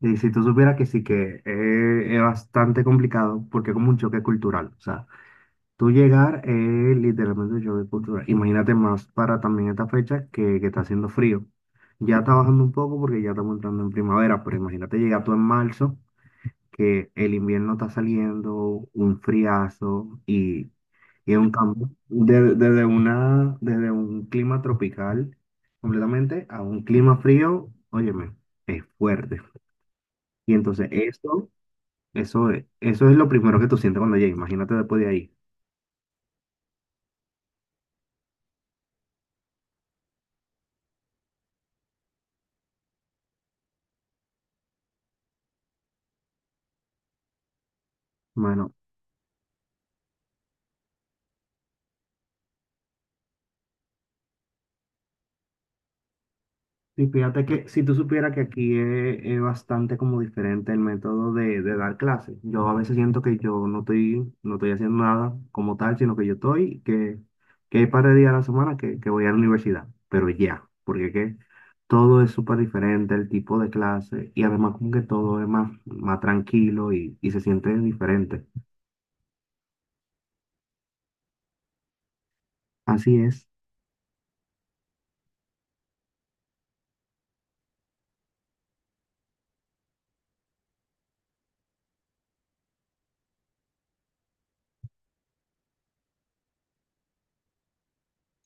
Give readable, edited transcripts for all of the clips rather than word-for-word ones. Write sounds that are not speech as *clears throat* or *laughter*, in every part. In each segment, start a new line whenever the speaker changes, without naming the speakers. Y si tú supieras que sí, que es bastante complicado porque es como un choque cultural. O sea, tú llegar es literalmente un choque cultural. Imagínate más para también esta fecha que está haciendo frío. Ya está bajando un poco porque ya estamos entrando en primavera, pero imagínate llegar tú en marzo, que el invierno está saliendo, un friazo y es un cambio desde un clima tropical completamente a un clima frío, óyeme, es fuerte. Y entonces esto. Eso es lo primero que tú sientes cuando llegas, imagínate después de ahí. Bueno, y fíjate que si tú supieras que aquí es bastante como diferente el método de dar clases. Yo a veces siento que yo no estoy haciendo nada como tal, sino que que hay par de días a la semana que voy a la universidad, pero ya, porque que todo es súper diferente, el tipo de clase, y además como que todo es más, más tranquilo y se siente diferente. Así es.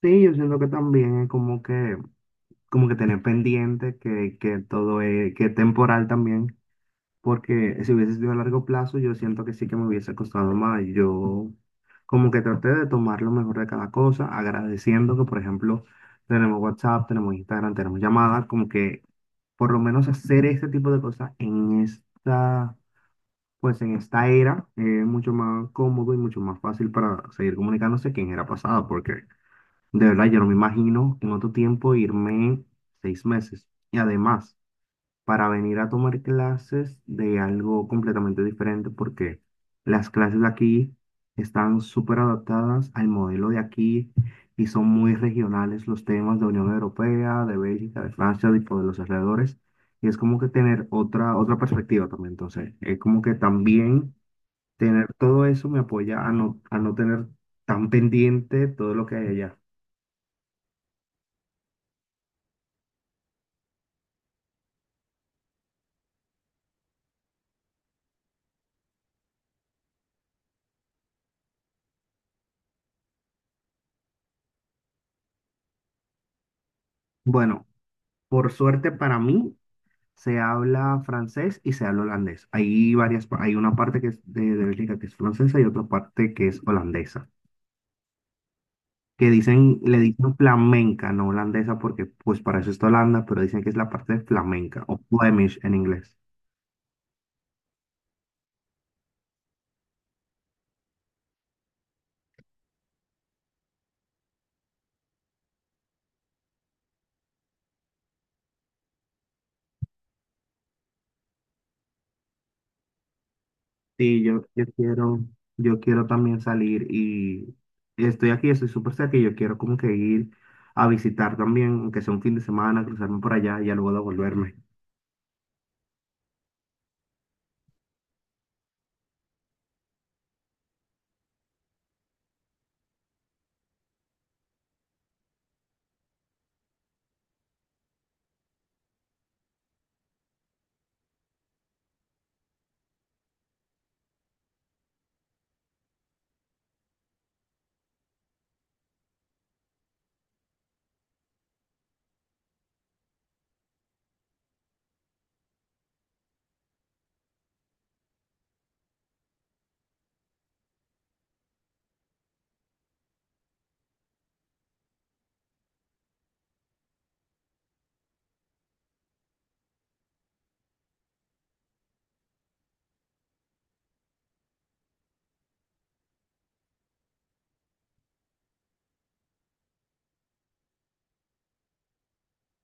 Sí, yo siento que también es como que tener pendiente que todo es temporal también, porque si hubiese sido a largo plazo, yo siento que sí que me hubiese costado más. Yo como que traté de tomar lo mejor de cada cosa, agradeciendo que, por ejemplo, tenemos WhatsApp, tenemos Instagram, tenemos llamadas, como que por lo menos hacer este tipo de cosas en esta, pues en esta era, es mucho más cómodo y mucho más fácil para seguir comunicándose que en era pasada, porque de verdad, yo no me imagino en otro tiempo irme 6 meses. Y además, para venir a tomar clases de algo completamente diferente, porque las clases de aquí están súper adaptadas al modelo de aquí y son muy regionales los temas de Unión Europea, de Bélgica, de Francia, tipo de los alrededores. Y es como que tener otra, otra perspectiva también. Entonces, es como que también tener todo eso me apoya a no tener tan pendiente todo lo que hay allá. Bueno. Por suerte para mí, se habla francés y se habla holandés. Hay hay una parte que es de Bélgica que es francesa y otra parte que es holandesa. Le dicen flamenca, no holandesa, porque pues para eso está Holanda, pero dicen que es la parte de flamenca o Flemish en inglés. Sí, yo quiero también salir y estoy aquí, estoy súper cerca y yo quiero como que ir a visitar también, aunque sea un fin de semana, cruzarme por allá y ya luego devolverme.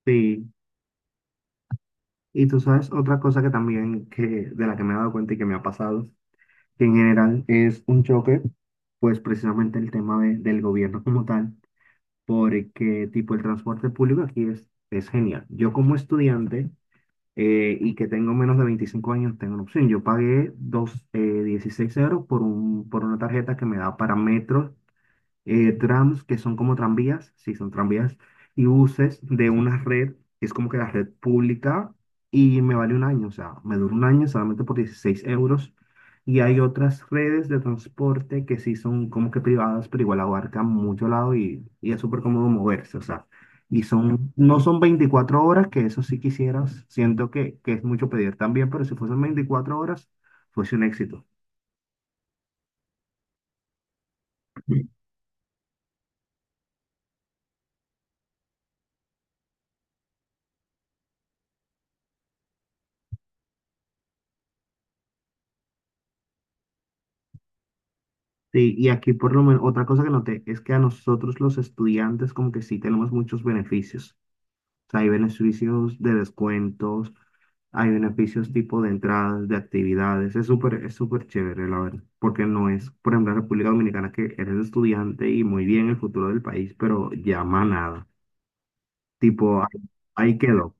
Sí. Y tú sabes, otra cosa de la que me he dado cuenta y que me ha pasado, que en general es un choque, pues precisamente el tema del gobierno como tal, porque tipo el transporte público aquí es genial. Yo como estudiante y que tengo menos de 25 años, tengo una opción. Yo pagué 16 euros por una tarjeta que me da para metro, trams, que son como tranvías, sí, son tranvías, y buses de una red, que es como que la red pública, y me vale un año, o sea, me dura un año solamente por 16 euros. Y hay otras redes de transporte que sí son como que privadas, pero igual abarcan mucho lado y es súper cómodo moverse, o sea, no son 24 horas, que eso sí quisieras, siento que es mucho pedir también, pero si fuesen 24 horas, fuese un éxito. Sí, y aquí por lo menos otra cosa que noté es que a nosotros los estudiantes como que sí tenemos muchos beneficios. O sea, hay beneficios de descuentos, hay beneficios tipo de entradas, de actividades. Es súper chévere, la verdad. Porque no es, por ejemplo, en República Dominicana que eres estudiante y muy bien el futuro del país, pero llama nada. Tipo, ahí quedó.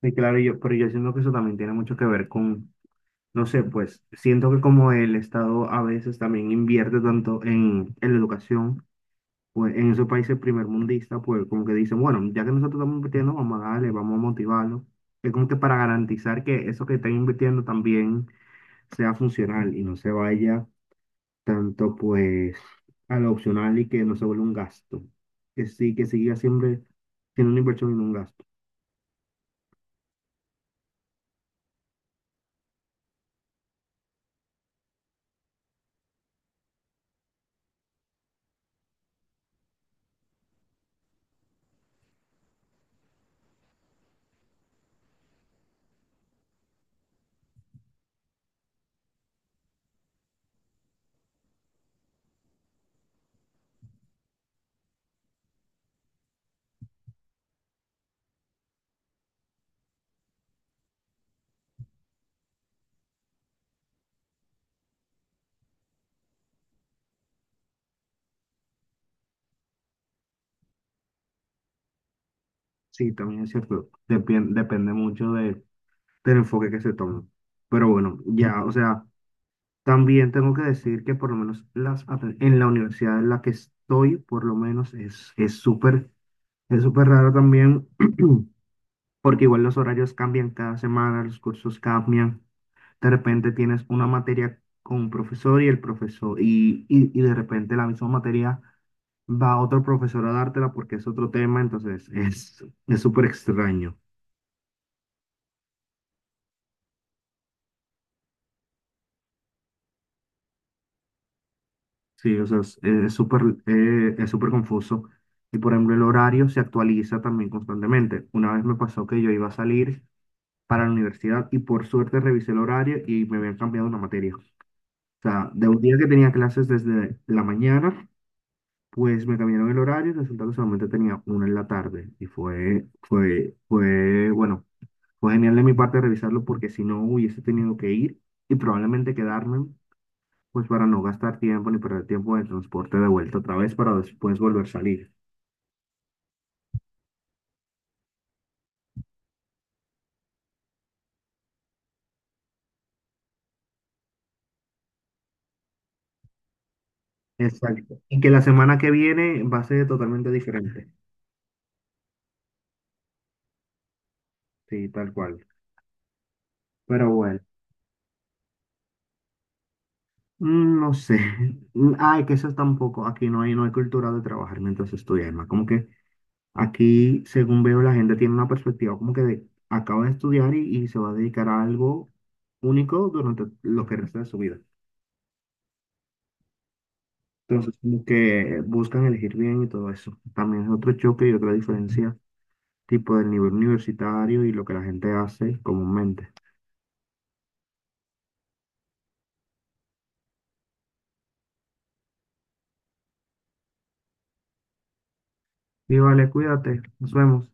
Sí claro, pero yo siento que eso también tiene mucho que ver con, no sé, pues siento que como el Estado a veces también invierte tanto en la educación pues en esos países primermundistas, pues como que dicen, bueno, ya que nosotros estamos invirtiendo, vamos a darle, vamos a motivarlo. Es como que para garantizar que eso que están invirtiendo también sea funcional y no se vaya tanto pues a lo opcional y que no se vuelva un gasto. Que sí, que siga siempre siendo una inversión y no un gasto. Sí, también es cierto, depende mucho del enfoque que se tome. Pero bueno, ya, o sea. También tengo que decir que por lo menos en la universidad en la que estoy, por lo menos es súper raro también, *clears throat* porque igual los horarios cambian cada semana, los cursos cambian. De repente tienes una materia con un profesor y el profesor, y de repente la misma materia va otro profesor a dártela porque es otro tema, entonces es súper extraño. Sí, o sea, es súper confuso. Y por ejemplo, el horario se actualiza también constantemente. Una vez me pasó que yo iba a salir para la universidad y por suerte revisé el horario y me habían cambiado una materia. O sea, de un día que tenía clases desde la mañana, pues me cambiaron el horario y resulta que solamente tenía una en la tarde. Y bueno, fue genial de mi parte revisarlo porque si no hubiese tenido que ir y probablemente quedarme pues para no gastar tiempo ni perder tiempo de transporte de vuelta otra vez para después volver a salir. Exacto. Y que la semana que viene va a ser totalmente diferente. Sí, tal cual. Pero bueno, no sé. *laughs* Ay, que eso tampoco. Aquí no hay cultura de trabajar mientras estudia, Emma. Como que aquí, según veo, la gente tiene una perspectiva como que de, acaba de estudiar y se va a dedicar a algo único durante lo que resta de su vida. Entonces, como que buscan elegir bien y todo eso. También es otro choque y otra diferencia tipo del nivel universitario y lo que la gente hace comúnmente. Y vale, cuídate, nos vemos.